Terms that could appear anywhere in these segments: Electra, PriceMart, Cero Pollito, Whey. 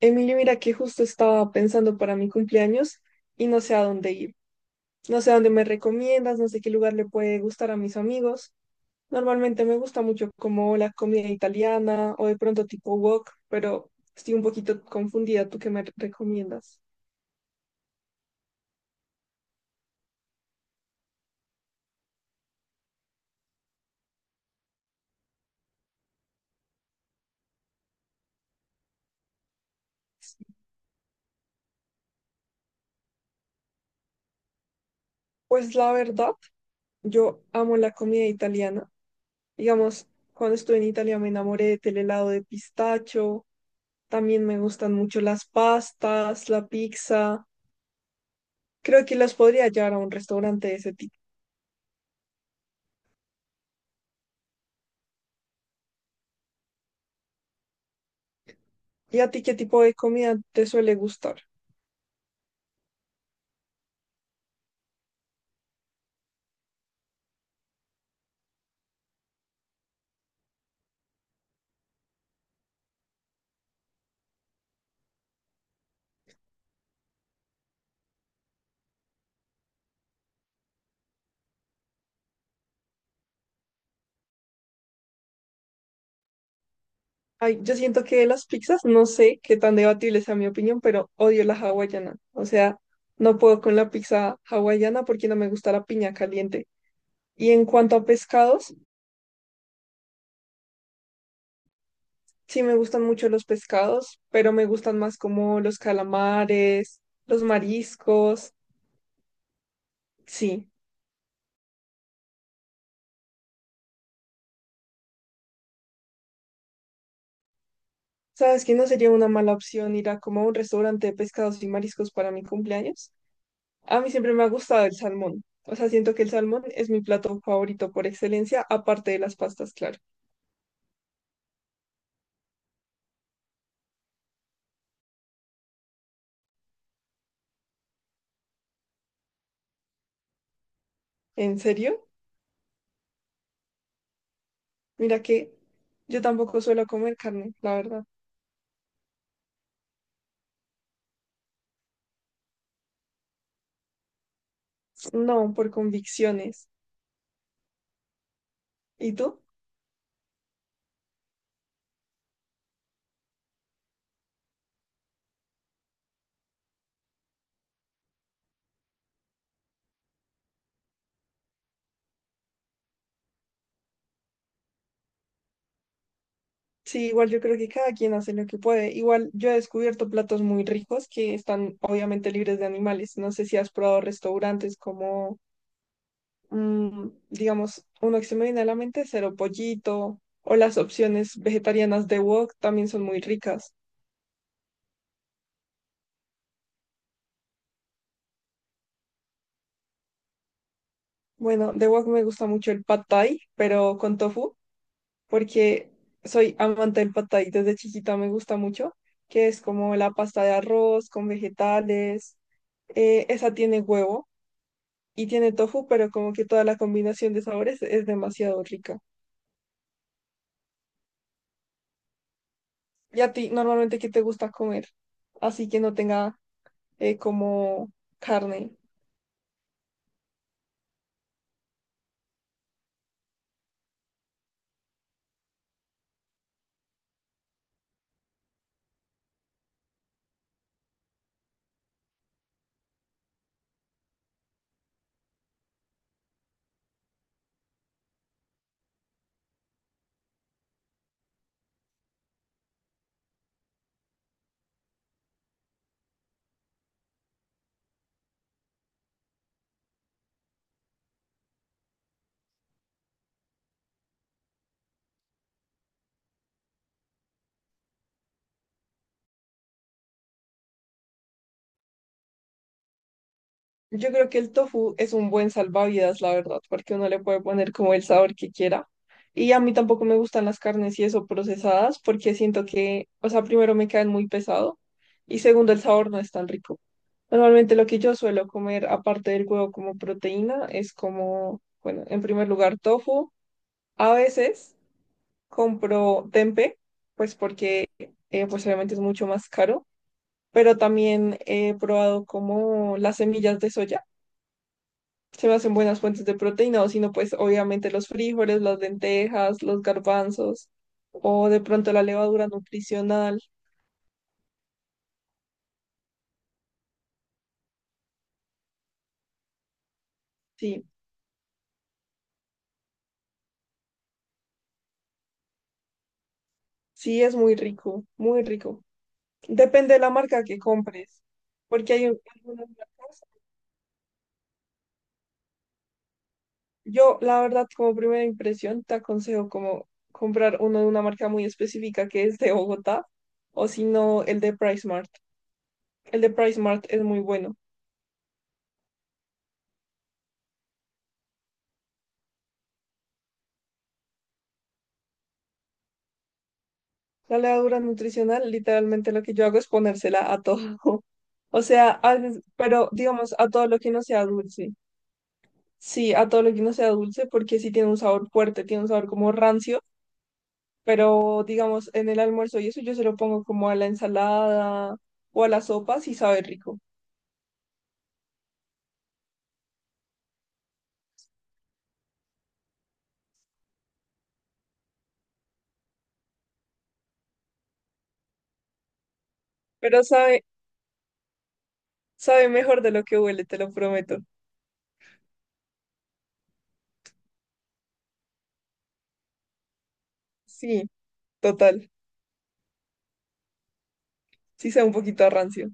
Emilio, mira que justo estaba pensando para mi cumpleaños y no sé a dónde ir. No sé a dónde me recomiendas, no sé qué lugar le puede gustar a mis amigos. Normalmente me gusta mucho como la comida italiana o de pronto tipo wok, pero estoy un poquito confundida. ¿Tú qué me recomiendas? Pues la verdad, yo amo la comida italiana. Digamos, cuando estuve en Italia me enamoré del helado de pistacho. También me gustan mucho las pastas, la pizza. Creo que las podría llevar a un restaurante de ese tipo. ¿Y a ti qué tipo de comida te suele gustar? Ay, yo siento que de las pizzas, no sé qué tan debatible sea mi opinión, pero odio la hawaiana. O sea, no puedo con la pizza hawaiana porque no me gusta la piña caliente. Y en cuanto a pescados, sí me gustan mucho los pescados, pero me gustan más como los calamares, los mariscos. Sí. ¿Sabes que no sería una mala opción ir a como a un restaurante de pescados y mariscos para mi cumpleaños? A mí siempre me ha gustado el salmón. O sea, siento que el salmón es mi plato favorito por excelencia, aparte de las pastas, claro. ¿En serio? Mira que yo tampoco suelo comer carne, la verdad. No, por convicciones. ¿Y tú? Sí, igual yo creo que cada quien hace lo que puede. Igual yo he descubierto platos muy ricos que están obviamente libres de animales. No sé si has probado restaurantes como, digamos, uno que se me viene a la mente, Cero Pollito, o las opciones vegetarianas de Wok también son muy ricas. Bueno, de wok me gusta mucho el pad thai, pero con tofu, porque soy amante del pad thai desde chiquita, me gusta mucho, que es como la pasta de arroz con vegetales. Esa tiene huevo y tiene tofu, pero como que toda la combinación de sabores es demasiado rica. ¿Y a ti normalmente qué te gusta comer? Así que no tenga como carne. Yo creo que el tofu es un buen salvavidas, la verdad, porque uno le puede poner como el sabor que quiera. Y a mí tampoco me gustan las carnes y eso procesadas, porque siento que, o sea, primero me caen muy pesado y segundo el sabor no es tan rico. Normalmente lo que yo suelo comer, aparte del huevo como proteína, es como, bueno, en primer lugar tofu. A veces compro tempe, pues porque pues obviamente es mucho más caro, pero también he probado como las semillas de soya se me hacen buenas fuentes de proteína, o si no, pues obviamente los frijoles, las lentejas, los garbanzos, o de pronto la levadura nutricional. Sí, sí es muy rico, muy rico. Depende de la marca que compres, porque algunas marcas. Yo, la verdad, como primera impresión, te aconsejo como comprar uno de una marca muy específica que es de Bogotá, o si no, el de PriceMart. El de PriceMart es muy bueno. La levadura nutricional, literalmente lo que yo hago es ponérsela a todo. O sea, pero digamos, a todo lo que no sea dulce. Sí, a todo lo que no sea dulce, porque sí tiene un sabor fuerte, tiene un sabor como rancio, pero digamos, en el almuerzo y eso yo se lo pongo como a la ensalada o a la sopa, sí sabe rico. Pero sabe, sabe mejor de lo que huele, te lo prometo. Sí, total. Sí sabe un poquito a rancio.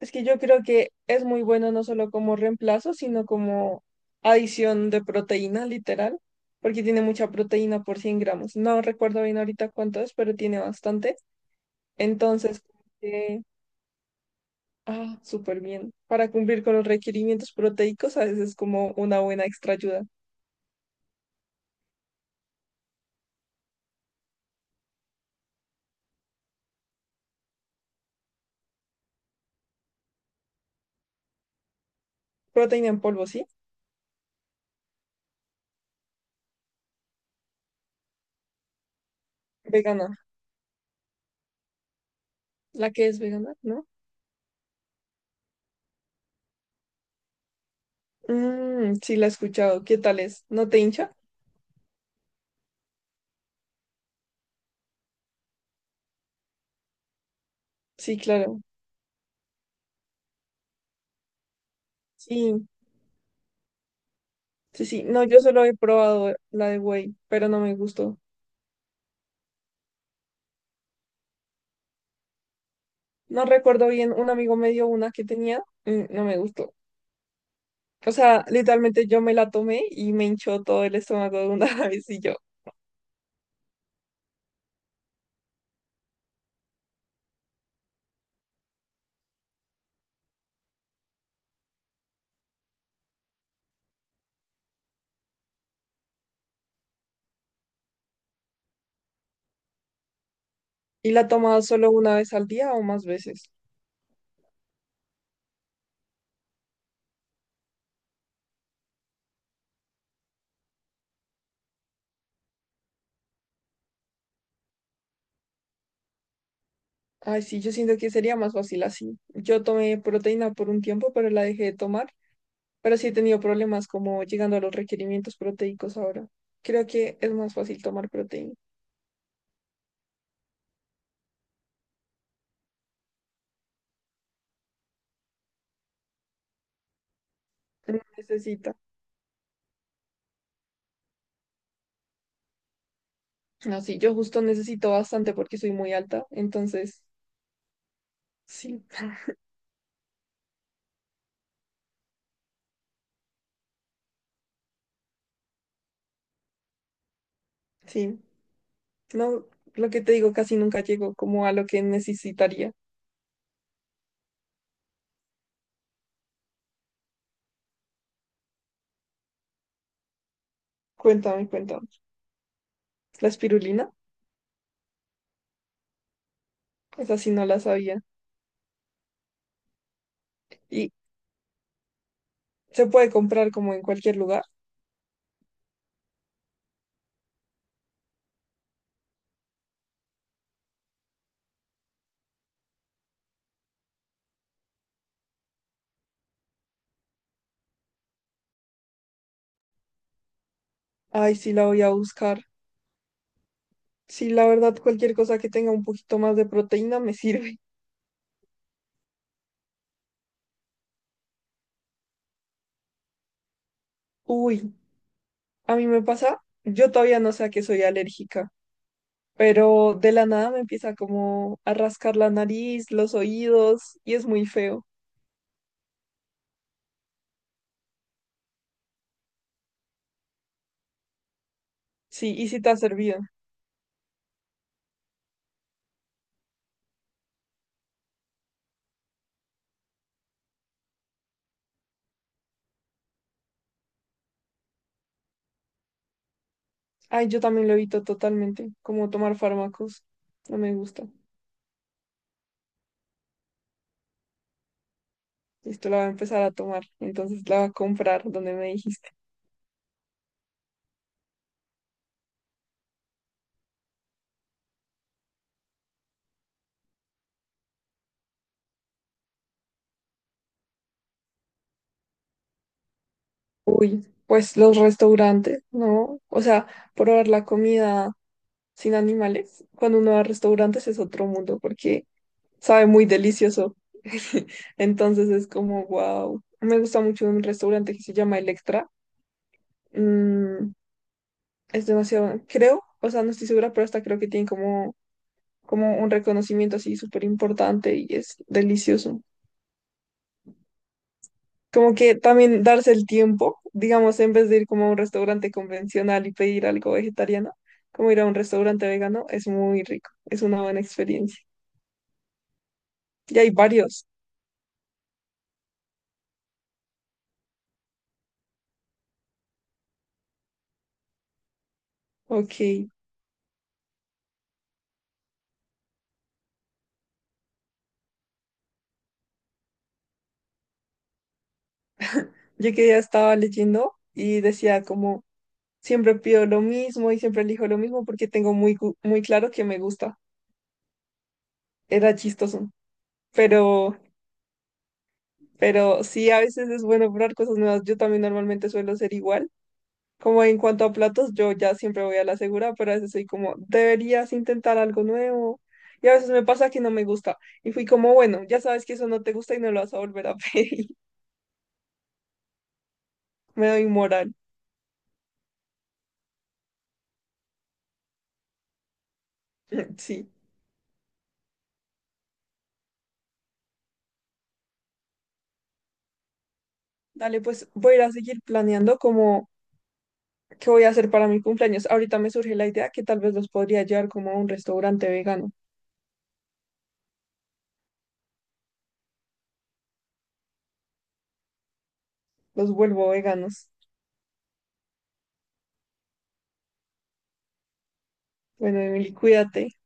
Es que yo creo que es muy bueno no solo como reemplazo, sino como adición de proteína, literal, porque tiene mucha proteína por 100 gramos. No recuerdo bien ahorita cuánto es, pero tiene bastante. Entonces, como que, ah, súper bien. Para cumplir con los requerimientos proteicos, a veces es como una buena extra ayuda. ¿Proteína en polvo, sí? Vegana. La que es vegana, ¿no? Sí, la he escuchado. ¿Qué tal es? ¿No te hincha? Sí, claro. Sí, sí, no, yo solo he probado la de Whey, pero no me gustó. No recuerdo bien, un amigo me dio una que tenía, no me gustó. O sea, literalmente yo me la tomé y me hinchó todo el estómago de una vez y yo. ¿Y la tomaba solo una vez al día o más veces? Ay, sí, yo siento que sería más fácil así. Yo tomé proteína por un tiempo, pero la dejé de tomar. Pero sí he tenido problemas como llegando a los requerimientos proteicos ahora. Creo que es más fácil tomar proteína. No necesita. No, sí, yo justo necesito bastante porque soy muy alta, entonces, sí, sí. No, lo que te digo, casi nunca llego como a lo que necesitaría. Cuéntame, cuéntame. La espirulina, esa sí no la sabía. Y se puede comprar como en cualquier lugar. Ay, sí, la voy a buscar. Sí, la verdad, cualquier cosa que tenga un poquito más de proteína me sirve. Uy, a mí me pasa, yo todavía no sé a qué soy alérgica. Pero de la nada me empieza como a rascar la nariz, los oídos, y es muy feo. Sí, y si te ha servido. Ay, yo también lo evito totalmente, como tomar fármacos. No me gusta. Esto la voy a empezar a tomar, entonces la voy a comprar donde me dijiste. Uy, pues los restaurantes, ¿no? O sea, probar la comida sin animales cuando uno va a restaurantes es otro mundo porque sabe muy delicioso. Entonces es como, wow. Me gusta mucho un restaurante que se llama Electra. Mm, es demasiado, creo, o sea, no estoy segura, pero hasta creo que tienen como un reconocimiento así súper importante y es delicioso. Como que también darse el tiempo, digamos, en vez de ir como a un restaurante convencional y pedir algo vegetariano, como ir a un restaurante vegano, es muy rico, es una buena experiencia. Y hay varios. Ok, yo que ya estaba leyendo y decía como siempre pido lo mismo y siempre elijo lo mismo porque tengo muy claro que me gusta. Era chistoso, pero, pero sí, a veces es bueno probar cosas nuevas. Yo también normalmente suelo ser igual. Como en cuanto a platos, yo ya siempre voy a la segura, pero a veces soy como, deberías intentar algo nuevo. Y a veces me pasa que no me gusta. Y fui como, bueno, ya sabes que eso no te gusta y no lo vas a volver a pedir. Me doy moral. Sí. Dale, pues voy a ir a seguir planeando como qué voy a hacer para mi cumpleaños. Ahorita me surge la idea que tal vez los podría llevar como a un restaurante vegano. Los vuelvo veganos. Bueno, Emily, cuídate.